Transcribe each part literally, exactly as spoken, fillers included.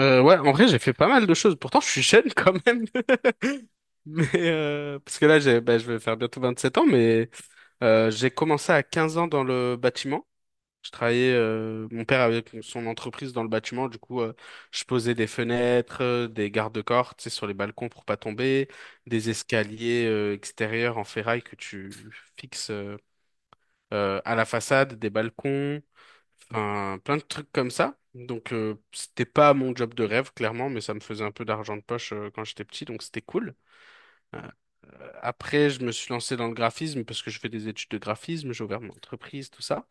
Euh, ouais, en vrai, j'ai fait pas mal de choses. Pourtant, je suis jeune quand même. Mais euh, parce que là, j'ai, bah, je vais faire bientôt vingt sept ans, mais euh, j'ai commencé à quinze ans dans le bâtiment. Je travaillais, euh, mon père avait son entreprise dans le bâtiment, du coup, euh, je posais des fenêtres, euh, des garde-corps, tu sais, sur les balcons pour pas tomber, des escaliers euh, extérieurs en ferraille que tu fixes euh, euh, à la façade, des balcons. Enfin, plein de trucs comme ça. Donc, euh, c'était pas mon job de rêve, clairement, mais ça me faisait un peu d'argent de poche euh, quand j'étais petit, donc c'était cool. Euh, Après, je me suis lancé dans le graphisme parce que je fais des études de graphisme, j'ai ouvert mon entreprise, tout ça.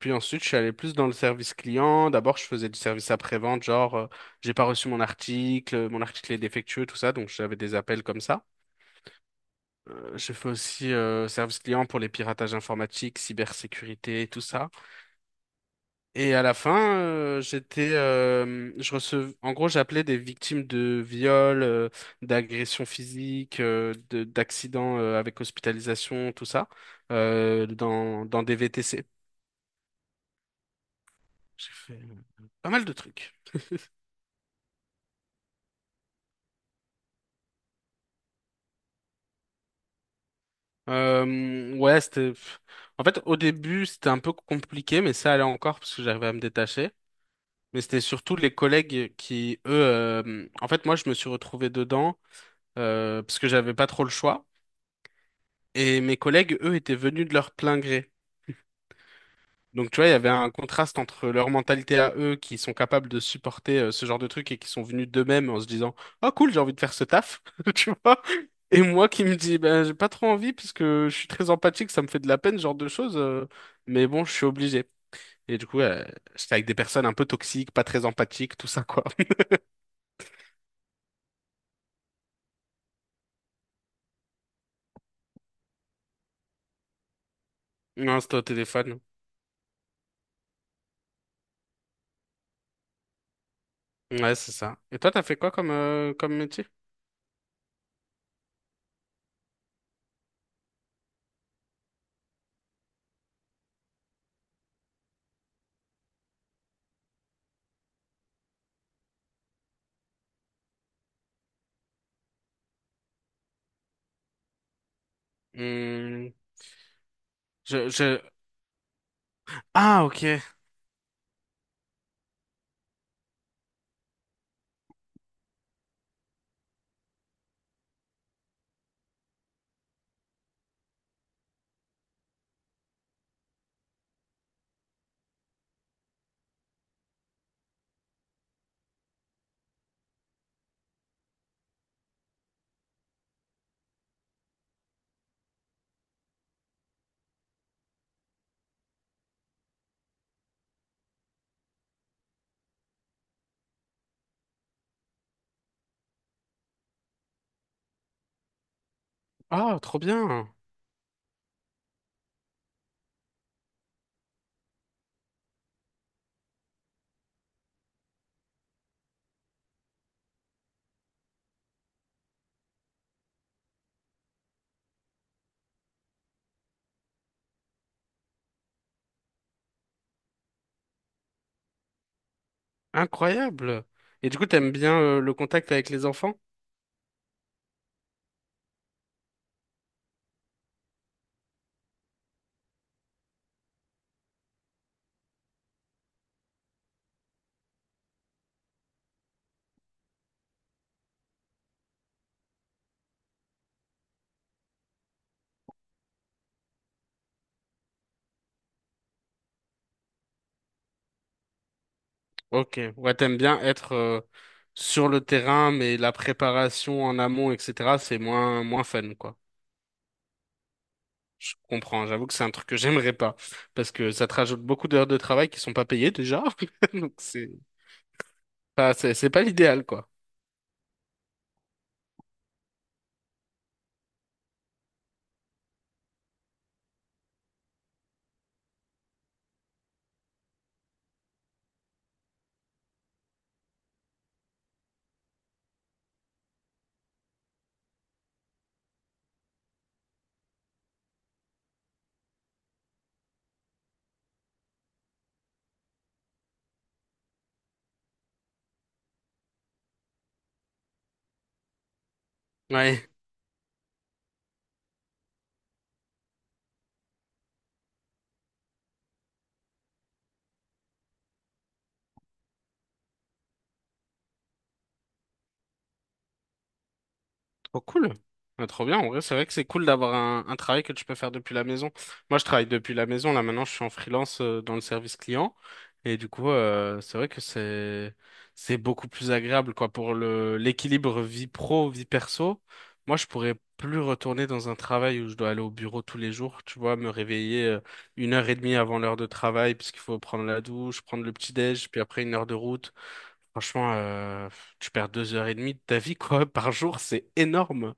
Puis ensuite, je suis allé plus dans le service client. D'abord, je faisais du service après-vente, genre, euh, j'ai pas reçu mon article, mon article est défectueux, tout ça, donc j'avais des appels comme ça. Euh, j'ai fait aussi euh, service client pour les piratages informatiques, cybersécurité, tout ça. Et à la fin, euh, j'étais, euh, je recevais, en gros, j'appelais des victimes de viols, euh, d'agressions physiques, euh, de- d'accidents euh, avec hospitalisation, tout ça, euh, dans dans des V T C. J'ai fait euh, pas mal de trucs. Euh, ouais, c'était. Pff. En fait, au début, c'était un peu compliqué, mais ça allait encore parce que j'arrivais à me détacher. Mais c'était surtout les collègues qui, eux, euh, en fait, moi, je me suis retrouvé dedans euh, parce que j'avais pas trop le choix. Et mes collègues, eux, étaient venus de leur plein gré. Donc, tu vois, il y avait un contraste entre leur mentalité à eux, qui sont capables de supporter euh, ce genre de truc et qui sont venus d'eux-mêmes en se disant, « Oh cool, j'ai envie de faire ce taf », tu vois. Et moi qui me dis, ben, j'ai pas trop envie parce que je suis très empathique, ça me fait de la peine, ce genre de choses, euh, mais bon, je suis obligé. Et du coup, euh, j'étais avec des personnes un peu toxiques, pas très empathiques, tout ça, quoi. Non, c'était au téléphone. Ouais, c'est ça. Et toi, t'as fait quoi comme, euh, comme métier? Hmm, je, je... Ah, ok. Ah, trop bien. Incroyable. Et du coup, t'aimes bien euh, le contact avec les enfants? Ok. Ouais, t'aimes bien être euh, sur le terrain, mais la préparation en amont, et cetera, c'est moins, moins fun, quoi. Je comprends. J'avoue que c'est un truc que j'aimerais pas. Parce que ça te rajoute beaucoup d'heures de travail qui sont pas payées déjà. Donc c'est pas, c'est c'est pas l'idéal, quoi. Ouais. Oh, cool. Ah, trop bien. En vrai, c'est vrai que c'est cool d'avoir un, un travail que tu peux faire depuis la maison. Moi, je travaille depuis la maison. Là, maintenant, je suis en freelance euh, dans le service client. Et du coup, euh, c'est vrai que c'est c'est beaucoup plus agréable, quoi, pour le l'équilibre vie pro, vie perso. Moi, je pourrais plus retourner dans un travail où je dois aller au bureau tous les jours, tu vois, me réveiller euh, une heure et demie avant l'heure de travail, parce qu'il faut prendre la douche, prendre le petit-déj, puis après une heure de route. Franchement, euh, tu perds deux heures et demie de ta vie, quoi, par jour, c'est énorme.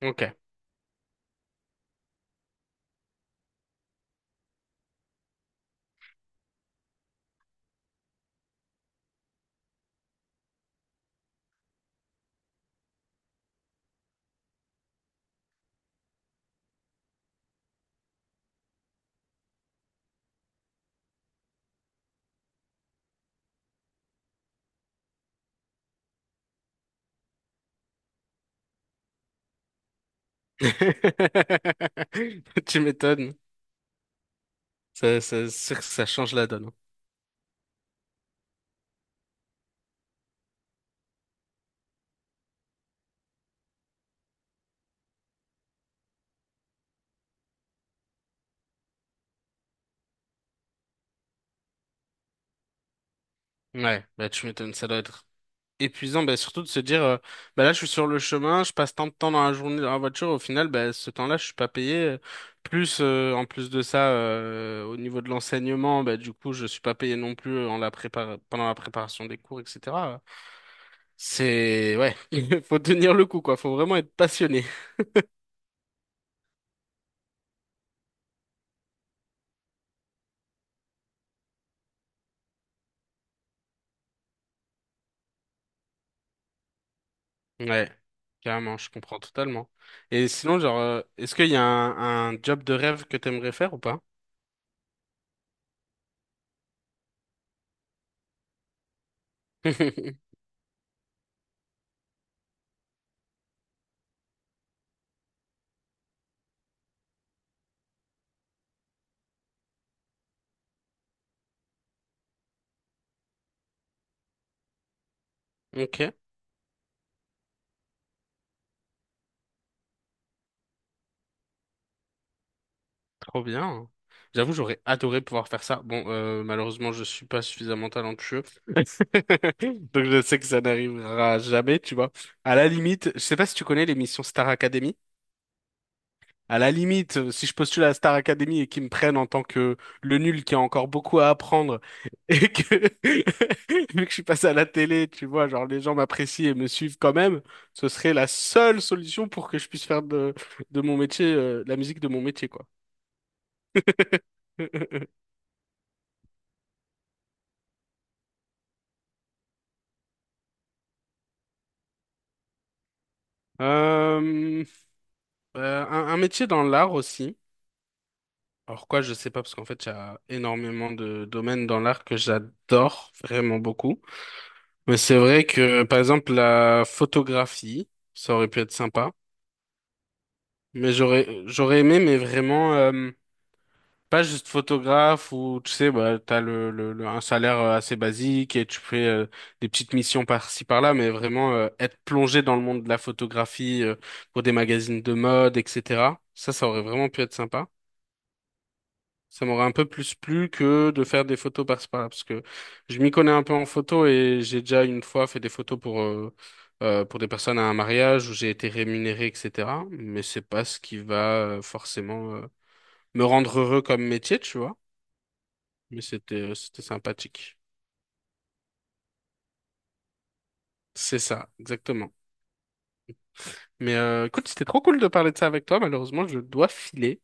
Ok. Tu m'étonnes. Ça, ça, c'est sûr que ça change la donne. Ouais, bah tu m'étonnes, ça doit être épuisant, bah, surtout de se dire, euh, bah là je suis sur le chemin, je passe tant de temps dans la journée dans la voiture, au final, bah, ce temps-là je suis pas payé. euh, Plus euh, en plus de ça, euh, au niveau de l'enseignement, bah, du coup je suis pas payé non plus euh, en la prépar- pendant la préparation des cours, et cetera. C'est ouais, faut tenir le coup quoi, faut vraiment être passionné. Ouais, carrément, je comprends totalement. Et sinon, genre, euh, est-ce qu'il y a un, un job de rêve que t'aimerais faire ou pas? Ok, trop bien. J'avoue, j'aurais adoré pouvoir faire ça. Bon, euh, malheureusement, je suis pas suffisamment talentueux. Donc je sais que ça n'arrivera jamais, tu vois. À la limite, je sais pas si tu connais l'émission Star Academy. À la limite, euh, si je postule à la Star Academy et qu'ils me prennent en tant que le nul qui a encore beaucoup à apprendre et que vu que je suis passé à la télé, tu vois, genre les gens m'apprécient et me suivent quand même, ce serait la seule solution pour que je puisse faire de, de mon métier, euh, la musique de mon métier, quoi. Euh, euh, un, un métier dans l'art aussi. Alors quoi, je sais pas parce qu'en fait, il y a énormément de domaines dans l'art que j'adore vraiment beaucoup. Mais c'est vrai que, par exemple, la photographie, ça aurait pu être sympa. Mais j'aurais, j'aurais aimé, mais vraiment, euh, pas juste photographe où, tu sais, bah, t'as le, le, le- un salaire euh, assez basique et tu fais euh, des petites missions par-ci, par-là, mais vraiment euh, être plongé dans le monde de la photographie euh, pour des magazines de mode, et cetera. Ça, ça aurait vraiment pu être sympa. Ça m'aurait un peu plus plu que de faire des photos par-ci par-là, parce que je m'y connais un peu en photo et j'ai déjà une fois fait des photos pour euh, euh, pour des personnes à un mariage où j'ai été rémunéré, et cetera. Mais c'est pas ce qui va euh, forcément euh, me rendre heureux comme métier, tu vois. Mais c'était euh, c'était sympathique. C'est ça, exactement. Mais euh, écoute, c'était trop cool de parler de ça avec toi. Malheureusement, je dois filer.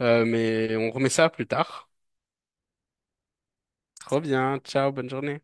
Euh, mais on remet ça plus tard. Trop bien. Ciao, bonne journée.